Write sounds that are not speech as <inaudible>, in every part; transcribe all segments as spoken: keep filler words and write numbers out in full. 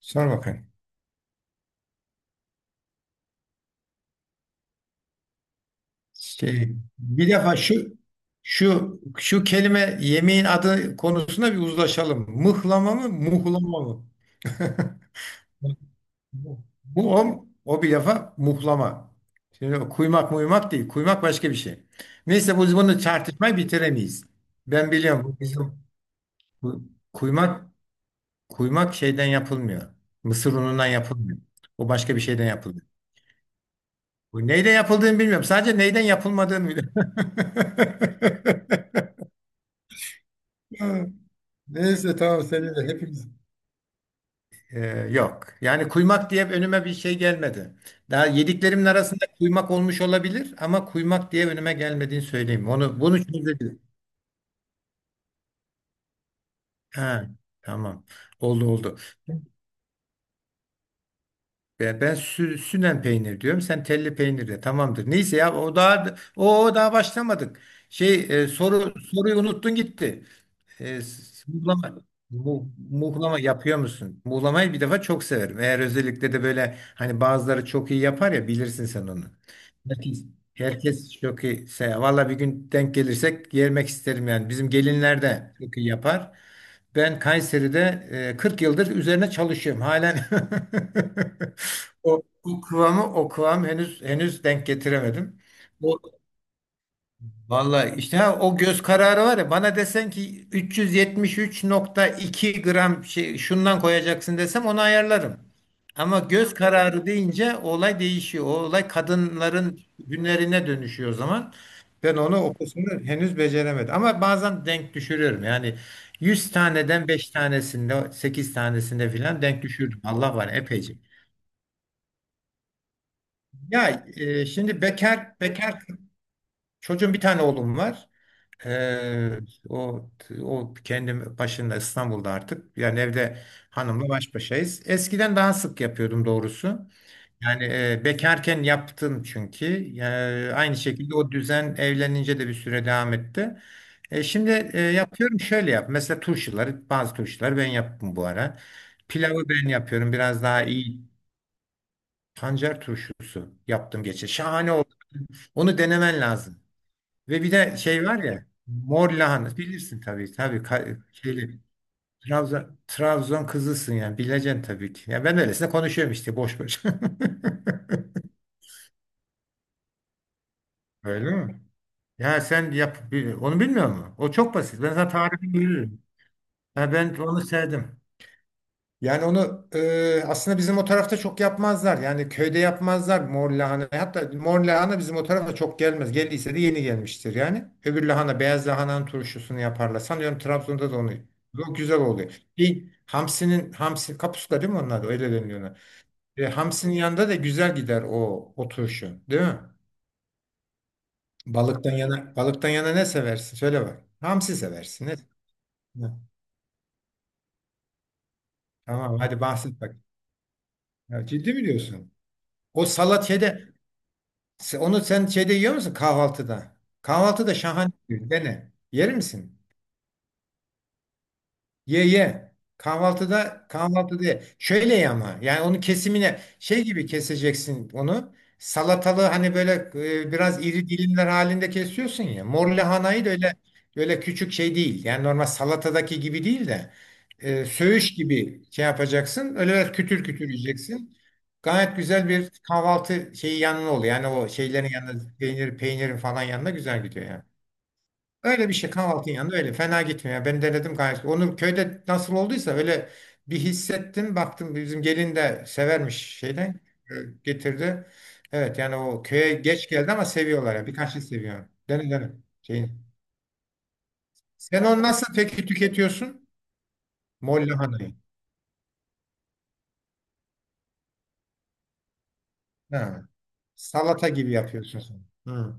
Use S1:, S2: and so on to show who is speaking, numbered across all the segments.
S1: Sor bakayım. Şey, bir defa şu şu şu kelime yemeğin adı konusunda bir uzlaşalım. Mıhlama mı, muhlama mı? <laughs> Bu bu o, o bir defa muhlama. Şimdi o kuymak muymak değil. Kuymak başka bir şey. Neyse biz bunu tartışmayı bitiremeyiz. Ben biliyorum bu bizim bu kuymak kuymak şeyden yapılmıyor. Mısır unundan yapılmıyor. O başka bir şeyden yapılıyor. Bu neyle yapıldığını bilmiyorum. Sadece neyden yapılmadığını biliyorum. <laughs> Neyse tamam seninle hepimiz. Ee, yok. Yani kuymak diye önüme bir şey gelmedi. Daha yediklerimin arasında kuymak olmuş olabilir ama kuymak diye önüme gelmediğini söyleyeyim. Onu bunu çözebilirim. Ha, tamam. Oldu oldu. Ben, ben sü- sünen peynir diyorum. Sen telli peynir de. Tamamdır. Neyse ya o daha o, o daha başlamadık. Şey, e, soru soruyu unuttun gitti. E, s- muhlama, mu- muhlama yapıyor musun? Muhlamayı bir defa çok severim. Eğer özellikle de böyle hani bazıları çok iyi yapar ya bilirsin sen onu. Herkes, herkes çok iyi. se- Valla bir gün denk gelirsek yemek isterim yani. Bizim gelinler de çok iyi yapar. Ben Kayseri'de e, kırk yıldır üzerine çalışıyorum. Halen <laughs> o, o kıvamı o kıvam henüz henüz denk getiremedim. O, Vallahi işte ha, o göz kararı var ya bana desen ki üç yüz yetmiş üç nokta iki gram şey, şundan koyacaksın desem onu ayarlarım. Ama göz kararı deyince olay değişiyor. O olay kadınların günlerine dönüşüyor o zaman. Ben onu o kısmını henüz beceremedim. Ama bazen denk düşürüyorum. Yani yüz taneden beş tanesinde sekiz tanesinde filan denk düşürdüm. Allah var epeyce. Ya e, şimdi bekar bekar çocuğum bir tane oğlum var. Ee, o o kendim başında İstanbul'da artık. Yani evde hanımla baş başayız. Eskiden daha sık yapıyordum doğrusu. Yani e, bekarken yaptım çünkü. Yani aynı şekilde o düzen evlenince de bir süre devam etti. E, şimdi e, yapıyorum şöyle yap. Mesela turşuları bazı turşuları ben yaptım bu ara. Pilavı ben yapıyorum biraz daha iyi. Pancar turşusu yaptım geçen. Şahane oldu. Onu denemen lazım. Ve bir de şey var ya mor lahana bilirsin tabii tabii ka- şeyli Trabzon, Trabzon kızısın yani bileceksin tabii ki. Ya ben öylesine konuşuyorum işte boş boş. <laughs> Öyle mi? Ya sen yap bil- onu bilmiyor musun? O çok basit. Ben sana tarifini veririm. Ya ben onu sevdim. Yani onu e, aslında bizim o tarafta çok yapmazlar. Yani köyde yapmazlar mor lahana. Hatta mor lahana bizim o tarafa çok gelmez. Geldiyse de yeni gelmiştir yani. Öbür lahana beyaz lahananın turşusunu yaparlar. Sanıyorum Trabzon'da da onu. O güzel oluyor. Bir hamsinin hamsi kapuska değil mi onlar da? Öyle deniliyor ona. E, hamsinin yanında da güzel gider o o turşu, değil mi? Balıktan yana balıktan yana ne seversin? Söyle bak. Hamsi seversin. Ne? Ne? Tamam hadi bahset bak. Ya, ciddi mi diyorsun? O salatiyede Se- Onu sen şeyde yiyor musun kahvaltıda? Kahvaltıda şahane. Bir şey. Dene. Yer misin? Ye ye. Kahvaltıda kahvaltı diye. Şöyle ye ama yani onu kesimine şey gibi keseceksin onu. Salatalı hani böyle e, biraz iri dilimler halinde kesiyorsun ya. Mor lahanayı da öyle böyle küçük şey değil. Yani normal salatadaki gibi değil de e, söğüş gibi şey yapacaksın. Öyle biraz kütür kütür yiyeceksin. Gayet güzel bir kahvaltı şeyi yanına oluyor. Yani o şeylerin yanında peynir, peynirin falan yanında güzel gidiyor yani. Öyle bir şey kahvaltının yanında öyle fena gitmiyor. Yani ben denedim gayet. Onu köyde nasıl olduysa öyle bir hissettim. Baktım bizim gelin de severmiş şeyden e, getirdi. Evet yani o köye geç geldi ama seviyorlar ya. Birkaç şey seviyor. Dene dene. Şeyin. Sen onu nasıl peki tüketiyorsun? Mor lahanayı. Ha. Salata gibi yapıyorsun sen. Hı.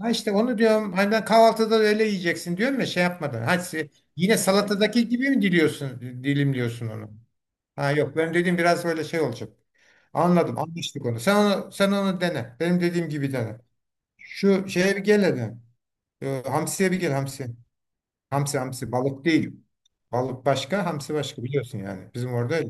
S1: Ha işte onu diyorum. Hani ben kahvaltıda da öyle yiyeceksin diyorum ya şey yapmadan. Ha, se- yine salatadaki gibi mi diliyorsun, dilimliyorsun onu? Ha yok benim dediğim biraz böyle şey olacak. Anladım, anlaştık onu. Sen onu, sen onu dene. Benim dediğim gibi dene. Şu şeye bir gel hadi. Ee, hamsiye bir gel hamsi. Hamsi hamsi balık değil. Balık başka, hamsi başka biliyorsun yani. Bizim orada öyle.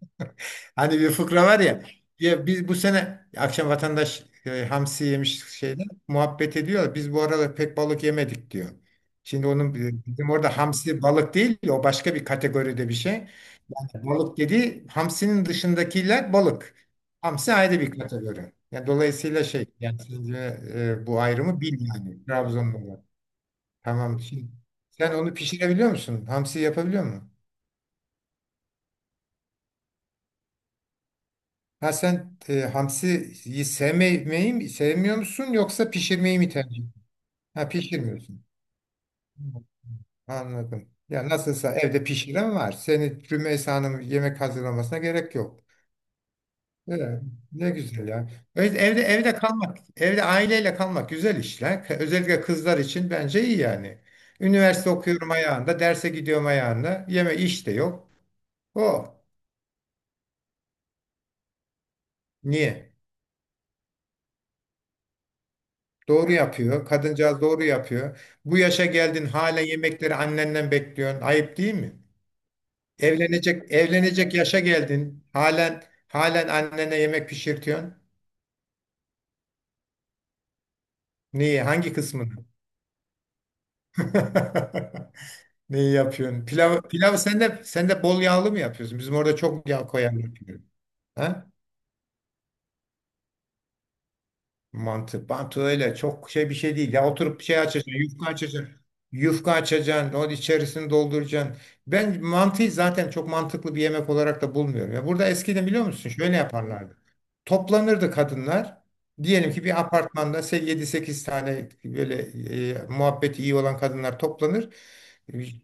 S1: <laughs> Hani bir fıkra var ya. Ya biz bu sene akşam vatandaş e, hamsi yemiş şeyde muhabbet ediyor. Biz bu arada pek balık yemedik diyor. Şimdi onun e, bizim orada hamsi balık değil, o başka bir kategoride bir şey. Balık dedi, hamsinin dışındakiler balık. Hamsi ayrı bir kategori. Yani dolayısıyla şey, yani sence e, bu ayrımı bil yani. Trabzon'da var. Tamam. Şimdi, sen onu pişirebiliyor musun? Hamsi yapabiliyor musun? Ha sen e, hamsiyi sevmeyi mi, sevmiyor musun yoksa pişirmeyi mi tercih ediyorsun? Ha pişirmiyorsun. Anladım. Ya nasılsa evde pişiren var. Seni Rümeysa Hanım yemek hazırlamasına gerek yok. Evet, ne güzel ya. Evet, evde evde kalmak, evde aileyle kalmak güzel işler. Özellikle kızlar için bence iyi yani. Üniversite okuyorum ayağında, derse gidiyorum ayağında. Yeme iş de yok. O niye? Doğru yapıyor. Kadıncağız doğru yapıyor. Bu yaşa geldin hala yemekleri annenden bekliyorsun. Ayıp değil mi? Evlenecek evlenecek yaşa geldin. Halen halen annene yemek pişirtiyorsun. Niye? Hangi kısmını? <laughs> Neyi yapıyorsun? Pilav, pilav sen de, sen de bol yağlı mı yapıyorsun? Bizim orada çok yağ koyan yapıyor. Ha? Mantı, mantı öyle. Çok şey bir şey değil. Ya oturup bir şey açacaksın. Yufka açacaksın. Yufka açacaksın. Onun içerisini dolduracaksın. Ben mantıyı zaten çok mantıklı bir yemek olarak da bulmuyorum. Ya burada eskiden biliyor musun? Şöyle yaparlardı. Toplanırdı kadınlar. Diyelim ki bir apartmanda yedi sekiz tane böyle e, muhabbeti iyi olan kadınlar toplanır.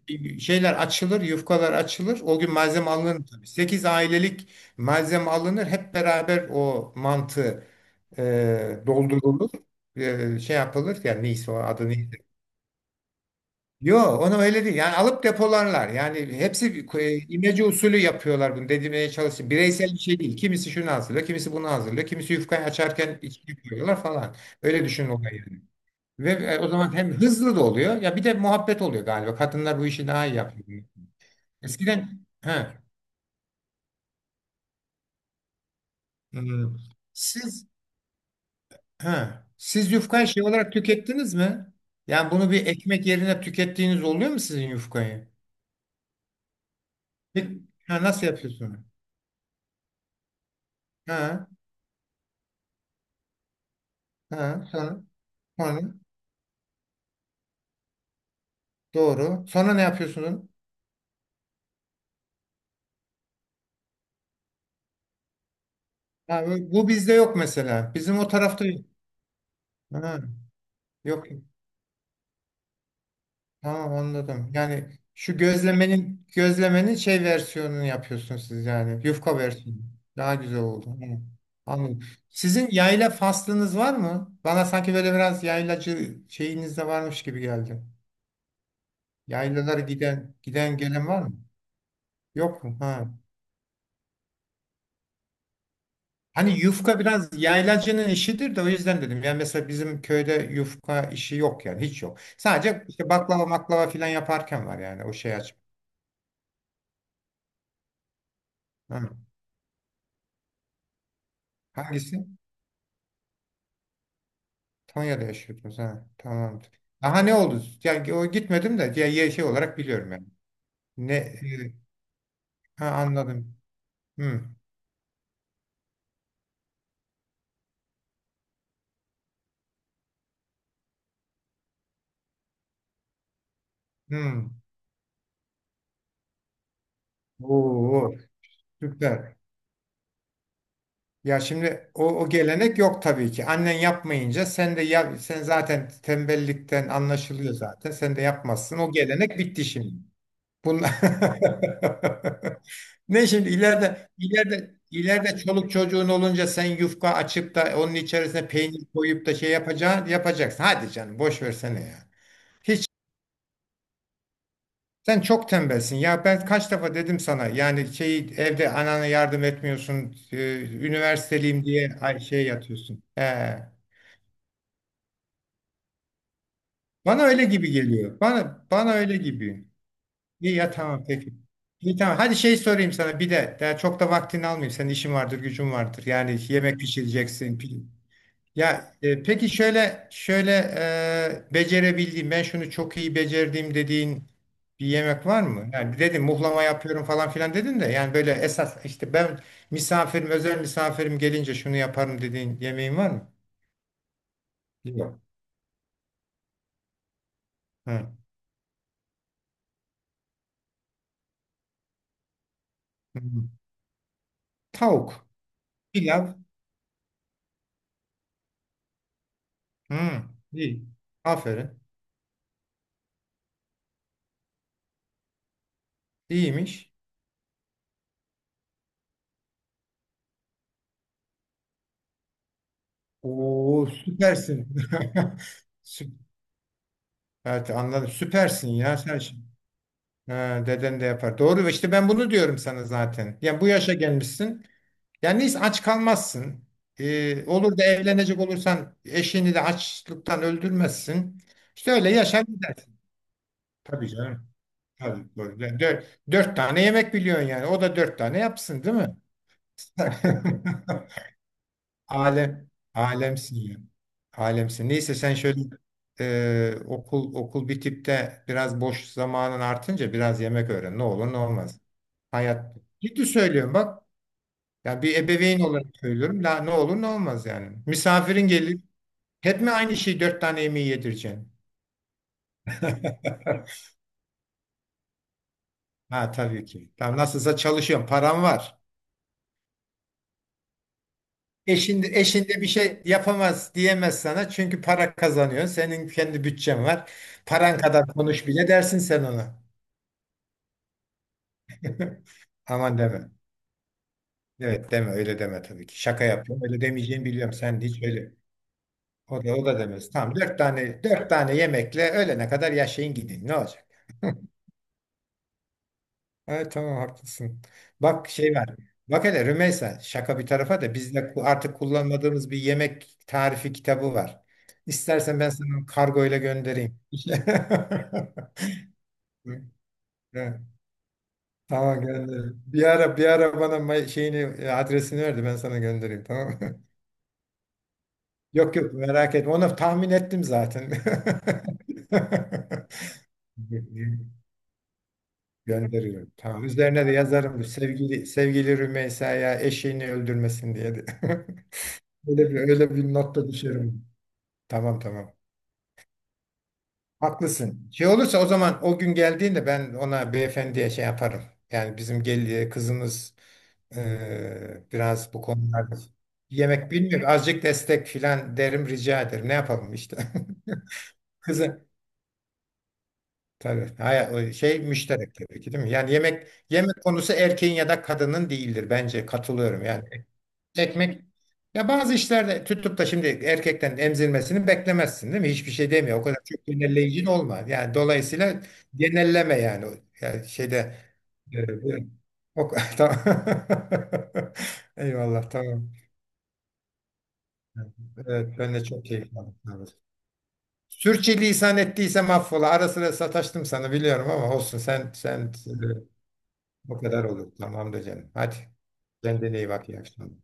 S1: E, Şeyler açılır, yufkalar açılır. O gün malzeme alınır tabii. sekiz ailelik malzeme alınır. Hep beraber o mantı e, doldurulur, e, şey yapılır yani neyse o adı neyse. Yo onu öyle değil yani alıp depolarlar yani hepsi bir- e, imece usulü yapıyorlar bunu dedirmeye çalışıyor. Bireysel bir şey değil kimisi şunu hazırlıyor kimisi bunu hazırlıyor kimisi yufkayı açarken içine koyuyorlar falan öyle düşünün olayı yani. Ve e, o zaman hem hızlı da oluyor ya bir de muhabbet oluyor galiba kadınlar bu işi daha iyi yapıyor. Eskiden he, hmm, siz Ha. Siz yufkayı şey olarak tükettiniz mi? Yani bunu bir ekmek yerine tükettiğiniz oluyor mu sizin yufkayı? Bir- Ha, nasıl yapıyorsunuz? Ha, ha, sonra, sonra, doğru. Sonra ne yapıyorsunuz? Ha, bu bu bizde yok mesela. Bizim o tarafta yok. Ha, yok. Tamam anladım. Yani şu gözlemenin gözlemenin şey versiyonunu yapıyorsunuz siz yani. Yufka versiyonu. Daha güzel oldu. Hı, anladım. Sizin yayla faslınız var mı? Bana sanki böyle biraz yaylacı şeyiniz de varmış gibi geldi. Yaylalara giden giden gelen var mı? Yok mu? Ha. Hani yufka biraz yaylacının işidir de o yüzden dedim. Yani mesela bizim köyde yufka işi yok yani hiç yok. Sadece işte baklava maklava filan yaparken var yani o şey açma. Hı. Hangisi? Konya'da yaşıyordunuz ha. Tamamdır. Aha ne oldu? Yani o gitmedim de ya, ya şey olarak biliyorum yani. Ne e, ha, anladım. Hmm. Hmm. Oo, süper. Ya şimdi o, o gelenek yok tabii ki. Annen yapmayınca sen de ya sen zaten tembellikten anlaşılıyor zaten. Sen de yapmazsın. O gelenek bitti şimdi. Bunlar <laughs> Ne şimdi ileride ileride ileride çoluk çocuğun olunca sen yufka açıp da onun içerisine peynir koyup da şey yapacağın yapacaksın. Hadi canım boş versene ya. Hiç sen çok tembelsin ya ben kaç defa dedim sana yani şey evde anana yardım etmiyorsun e, üniversiteliyim diye ay şey yatıyorsun. He. Bana öyle gibi geliyor. Bana bana öyle gibi. İyi ya tamam peki. İyi tamam. Hadi şey sorayım sana bir de. Daha çok da vaktini almayayım. Senin işin vardır, gücün vardır. Yani yemek pişireceksin. Ya e, peki şöyle şöyle e, becerebildiğim ben şunu çok iyi becerdiğim dediğin bir yemek var mı? Yani dedim muhlama yapıyorum falan filan dedin de yani böyle esas işte ben misafirim özel misafirim gelince şunu yaparım dediğin yemeğin var mı? Yok. Hı. Hı. Tavuk, pilav. Hı. İyi. Aferin. İyiymiş. Oo süpersin. <laughs> Sü- Evet anladım. Süpersin ya sen. Ha, deden de yapar. Doğru işte ben bunu diyorum sana zaten. Yani bu yaşa gelmişsin. Yani neyse aç kalmazsın. Ee, olur da evlenecek olursan eşini de açlıktan öldürmezsin. İşte öyle yaşar gidersin. Tabii canım. Tabii, doğru. Yani dört, dört tane yemek biliyorsun yani. O da dört tane yapsın değil mi? <laughs> Alem, alemsin ya. Alemsin. Neyse sen şöyle e, okul okul bitip de biraz boş zamanın artınca biraz yemek öğren. Ne olur ne olmaz. Hayat. Ciddi söylüyorum bak. Ya bir ebeveyn olarak söylüyorum. La, ne olur ne olmaz yani. Misafirin gelir. Hep mi aynı şeyi dört tane yemeği yedireceksin? <laughs> Ha tabii ki. Tamam nasılsa çalışıyorum. Param var. Eşinde, eşinde bir şey yapamaz diyemez sana. Çünkü para kazanıyor. Senin kendi bütçen var. Paran kadar konuş bile dersin sen ona. <laughs> Aman deme. Evet deme öyle deme tabii ki. Şaka yapıyorum. Öyle demeyeceğini biliyorum. Sen de hiç öyle. O da, o da demez. Tamam dört tane dört tane yemekle öğlene kadar yaşayın gidin. Ne olacak? Evet tamam haklısın. Bak şey var. Bak hele Rümeysa şaka bir tarafa da bizde ku- artık kullanmadığımız bir yemek tarifi kitabı var. İstersen ben sana kargoyla göndereyim. <laughs> Evet, tamam gönder. Bir ara bir ara bana ma- şeyini e, adresini ver de ben sana göndereyim tamam mı? <laughs> Yok yok merak etme. Onu tahmin ettim zaten. <laughs> Gönderiyorum. Tamam. Üzerine de yazarım. Sevgili, sevgili Rümeysa'ya eşeğini öldürmesin diye de. <laughs> Öyle bir, öyle bir not da düşerim. Tamam tamam. Haklısın. Şey olursa o zaman o gün geldiğinde ben ona beyefendiye şey yaparım. Yani bizim gel kızımız e, biraz bu konularda yemek bilmiyor. Azıcık destek filan derim rica ederim. Ne yapalım işte. <laughs> Kızı tabii. Hayır, o şey müşterek tabii ki değil mi? Yani yemek yemek konusu erkeğin ya da kadının değildir bence. Katılıyorum. Yani Ekmek. Ya bazı işlerde tutup da şimdi erkekten emzirmesini beklemezsin değil mi? Hiçbir şey demiyor. O kadar çok genelleyici olma. Yani dolayısıyla genelleme yani. Yani şeyde e, bu- o, <laughs> tamam. <laughs> Eyvallah tamam. Evet ben de çok keyif aldım. Evet. Sürçülisan ettiysem affola. Ara sıra sataştım sana biliyorum ama olsun sen sen e, o kadar olur. Tamamdır canım. Hadi kendine iyi bak iyi akşamlar.